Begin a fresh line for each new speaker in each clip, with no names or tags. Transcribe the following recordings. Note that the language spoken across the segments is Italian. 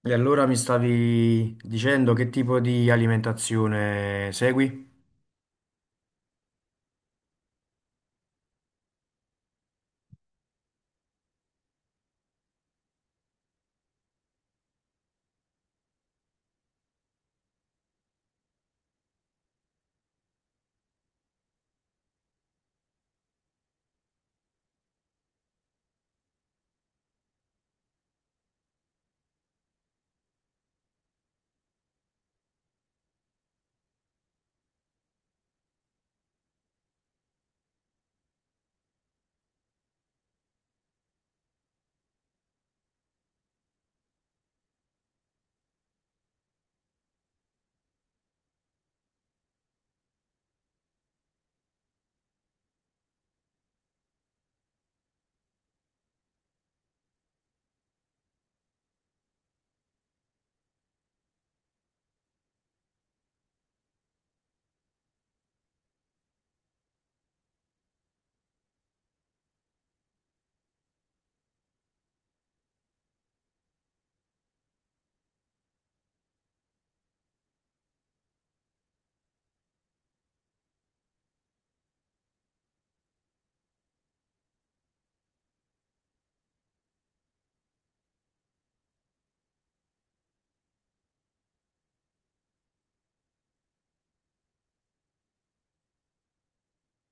E allora mi stavi dicendo che tipo di alimentazione segui?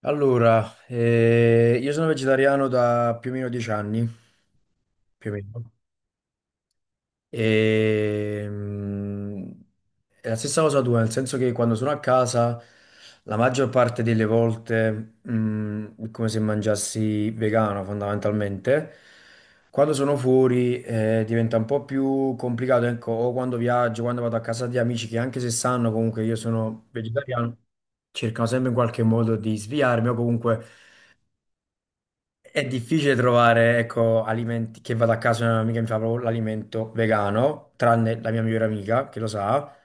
Io sono vegetariano da più o meno 10 anni, più o meno. E, mm, è la stessa cosa tua, nel senso che quando sono a casa, la maggior parte delle volte, è come se mangiassi vegano fondamentalmente. Quando sono fuori, diventa un po' più complicato, ecco, o quando viaggio, quando vado a casa di amici che anche se sanno comunque che io sono vegetariano, cercano sempre in qualche modo di sviarmi o comunque è difficile trovare, ecco, alimenti che vado a casa, una mia amica mi fa proprio l'alimento vegano, tranne la mia migliore amica che lo sa.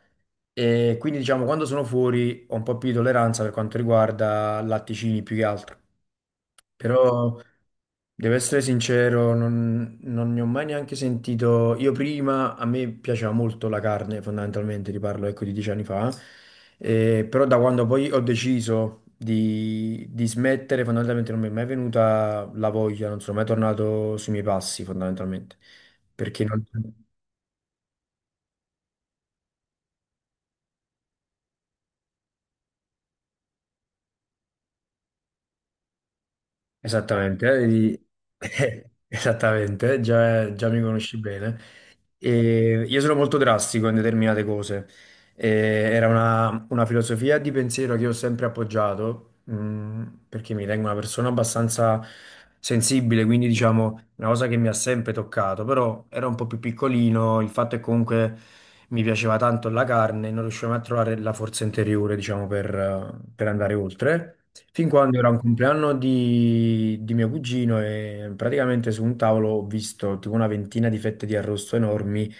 E quindi, diciamo, quando sono fuori ho un po' più di tolleranza per quanto riguarda latticini più che altro. Però devo essere sincero, non ne ho mai neanche sentito. Io prima a me piaceva molto la carne, fondamentalmente, ti parlo ecco di 10 anni fa. Però da quando poi ho deciso di smettere, fondamentalmente non mi è mai venuta la voglia, non sono mai tornato sui miei passi, fondamentalmente. Perché non... Esattamente, esattamente, già mi conosci bene. E io sono molto drastico in determinate cose. Era una filosofia di pensiero che io ho sempre appoggiato, perché mi ritengo una persona abbastanza sensibile, quindi diciamo una cosa che mi ha sempre toccato, però era un po' più piccolino, il fatto è che comunque mi piaceva tanto la carne, non riuscivo mai a trovare la forza interiore, diciamo, per andare oltre. Fin quando era un compleanno di mio cugino e praticamente su un tavolo ho visto tipo una ventina di fette di arrosto enormi.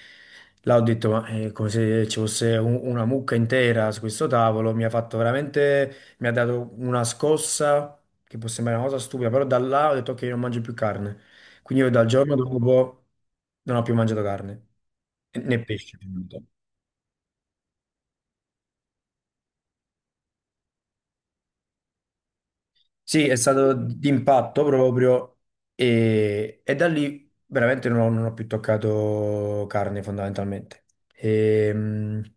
Là ho detto, ma è come se ci fosse una mucca intera su questo tavolo, mi ha fatto veramente, mi ha dato una scossa che può sembrare una cosa stupida, però da là ho detto ok, non mangio più carne. Quindi io dal giorno dopo non ho più mangiato carne, né pesce. Ovviamente. Sì, è stato d'impatto proprio e, da lì veramente non ho più toccato carne fondamentalmente. Ehm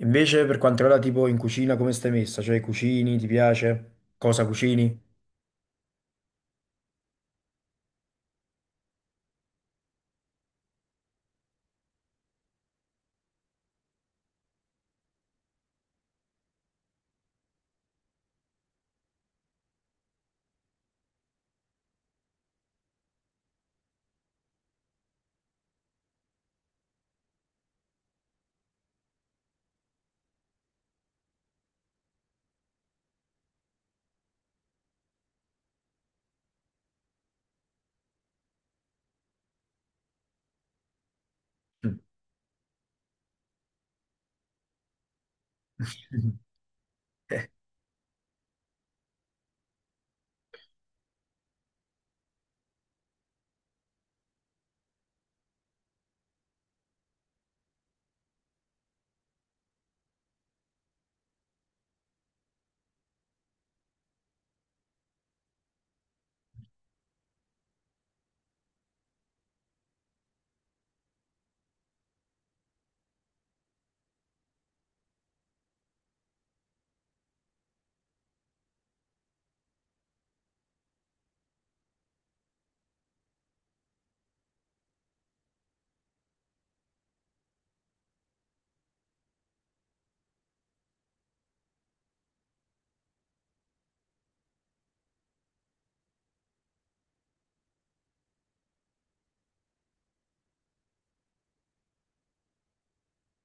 Invece per quanto riguarda tipo in cucina, come stai messa? Cioè cucini, ti piace? Cosa cucini? Mm.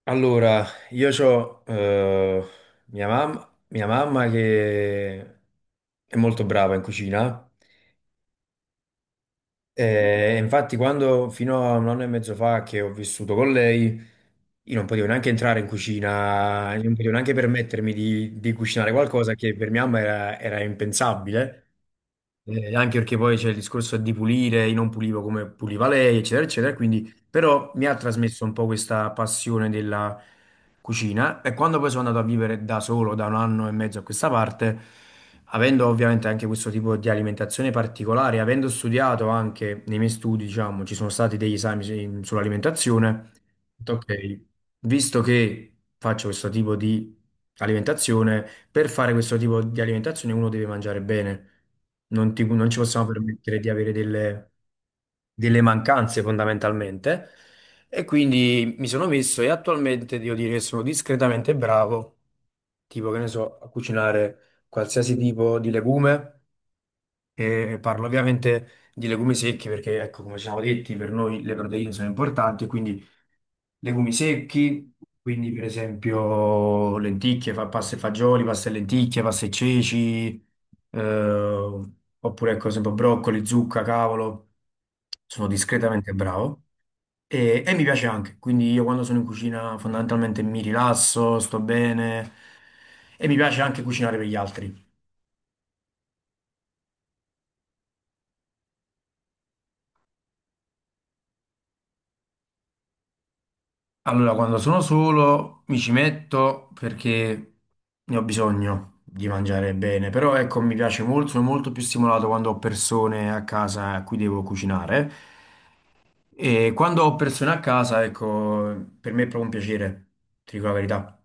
Allora, io ho mia mamma che è molto brava in cucina. E infatti, quando fino a un anno e mezzo fa che ho vissuto con lei, io non potevo neanche entrare in cucina, non potevo neanche permettermi di cucinare qualcosa che per mia mamma era impensabile. Anche perché poi c'è il discorso di pulire, io non pulivo come puliva lei, eccetera, eccetera, quindi però mi ha trasmesso un po' questa passione della cucina e quando poi sono andato a vivere da solo da un anno e mezzo a questa parte, avendo ovviamente anche questo tipo di alimentazione particolare, avendo studiato anche nei miei studi, diciamo, ci sono stati degli esami sull'alimentazione, ho detto, ok, visto che faccio questo tipo di alimentazione, per fare questo tipo di alimentazione uno deve mangiare bene. Non ci possiamo permettere di avere delle mancanze fondamentalmente e quindi mi sono messo e attualmente devo dire che sono discretamente bravo, tipo che ne so, a cucinare qualsiasi tipo di legume e parlo ovviamente di legumi secchi perché, ecco, come ci siamo detti, per noi le proteine sono importanti, quindi legumi secchi, quindi per esempio lenticchie, fa pasta e fagioli, pasta e lenticchie, pasta e ceci, eh, oppure ecco, ad esempio broccoli, zucca, cavolo, sono discretamente bravo. Mi piace anche, quindi io quando sono in cucina fondamentalmente mi rilasso, sto bene e mi piace anche cucinare per gli altri. Allora, quando sono solo mi ci metto perché ne ho bisogno di mangiare bene, però ecco, mi piace molto, sono molto più stimolato quando ho persone a casa a cui devo cucinare e quando ho persone a casa, ecco, per me è proprio un piacere, ti dico la verità.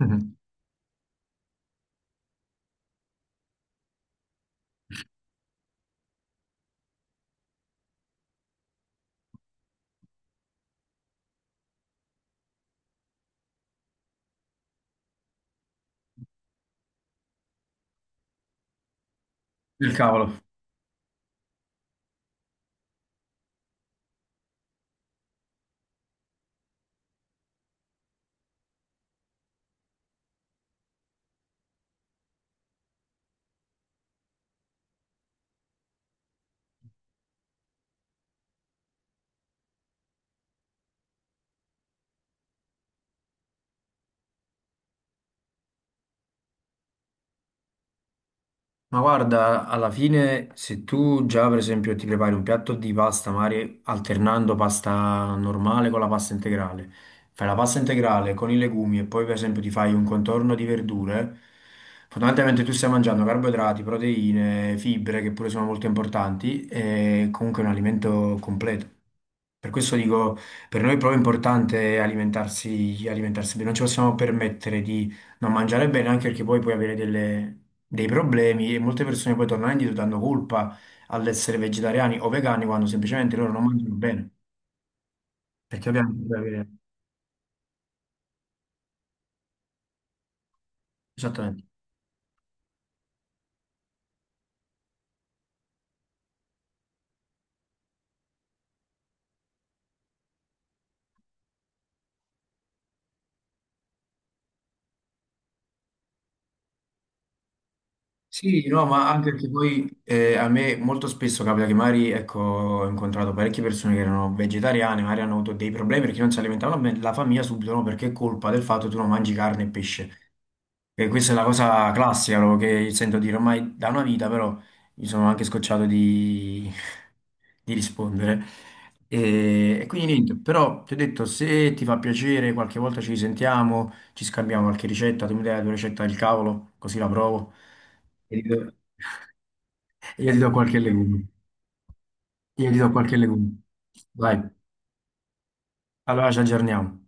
Il cavolo. Ma guarda, alla fine se tu già per esempio ti prepari un piatto di pasta, magari alternando pasta normale con la pasta integrale, fai la pasta integrale con i legumi e poi per esempio ti fai un contorno di verdure, fondamentalmente tu stai mangiando carboidrati, proteine, fibre che pure sono molto importanti e comunque è un alimento completo. Per questo dico, per noi è proprio importante alimentarsi, alimentarsi bene, non ci possiamo permettere non mangiare bene anche perché poi puoi avere dei problemi e molte persone poi tornano indietro dando colpa all'essere vegetariani o vegani quando semplicemente loro non mangiano bene. Perché ovviamente puoi avere... Esattamente. Sì, no, ma anche perché poi a me molto spesso capita che magari, ecco, ho incontrato parecchie persone che erano vegetariane, magari hanno avuto dei problemi perché non si alimentavano bene, la famiglia subito, no, perché è colpa del fatto che tu non mangi carne e pesce. E questa è la cosa classica proprio che sento dire ormai da una vita, però mi sono anche scocciato di rispondere. E quindi niente, però ti ho detto, se ti fa piacere, qualche volta ci risentiamo, ci scambiamo qualche ricetta, tu mi dai la tua ricetta del cavolo, così la provo. E io ti do- e io ti do qualche legume. Io ti do qualche legume. Vai, allora ci aggiorniamo.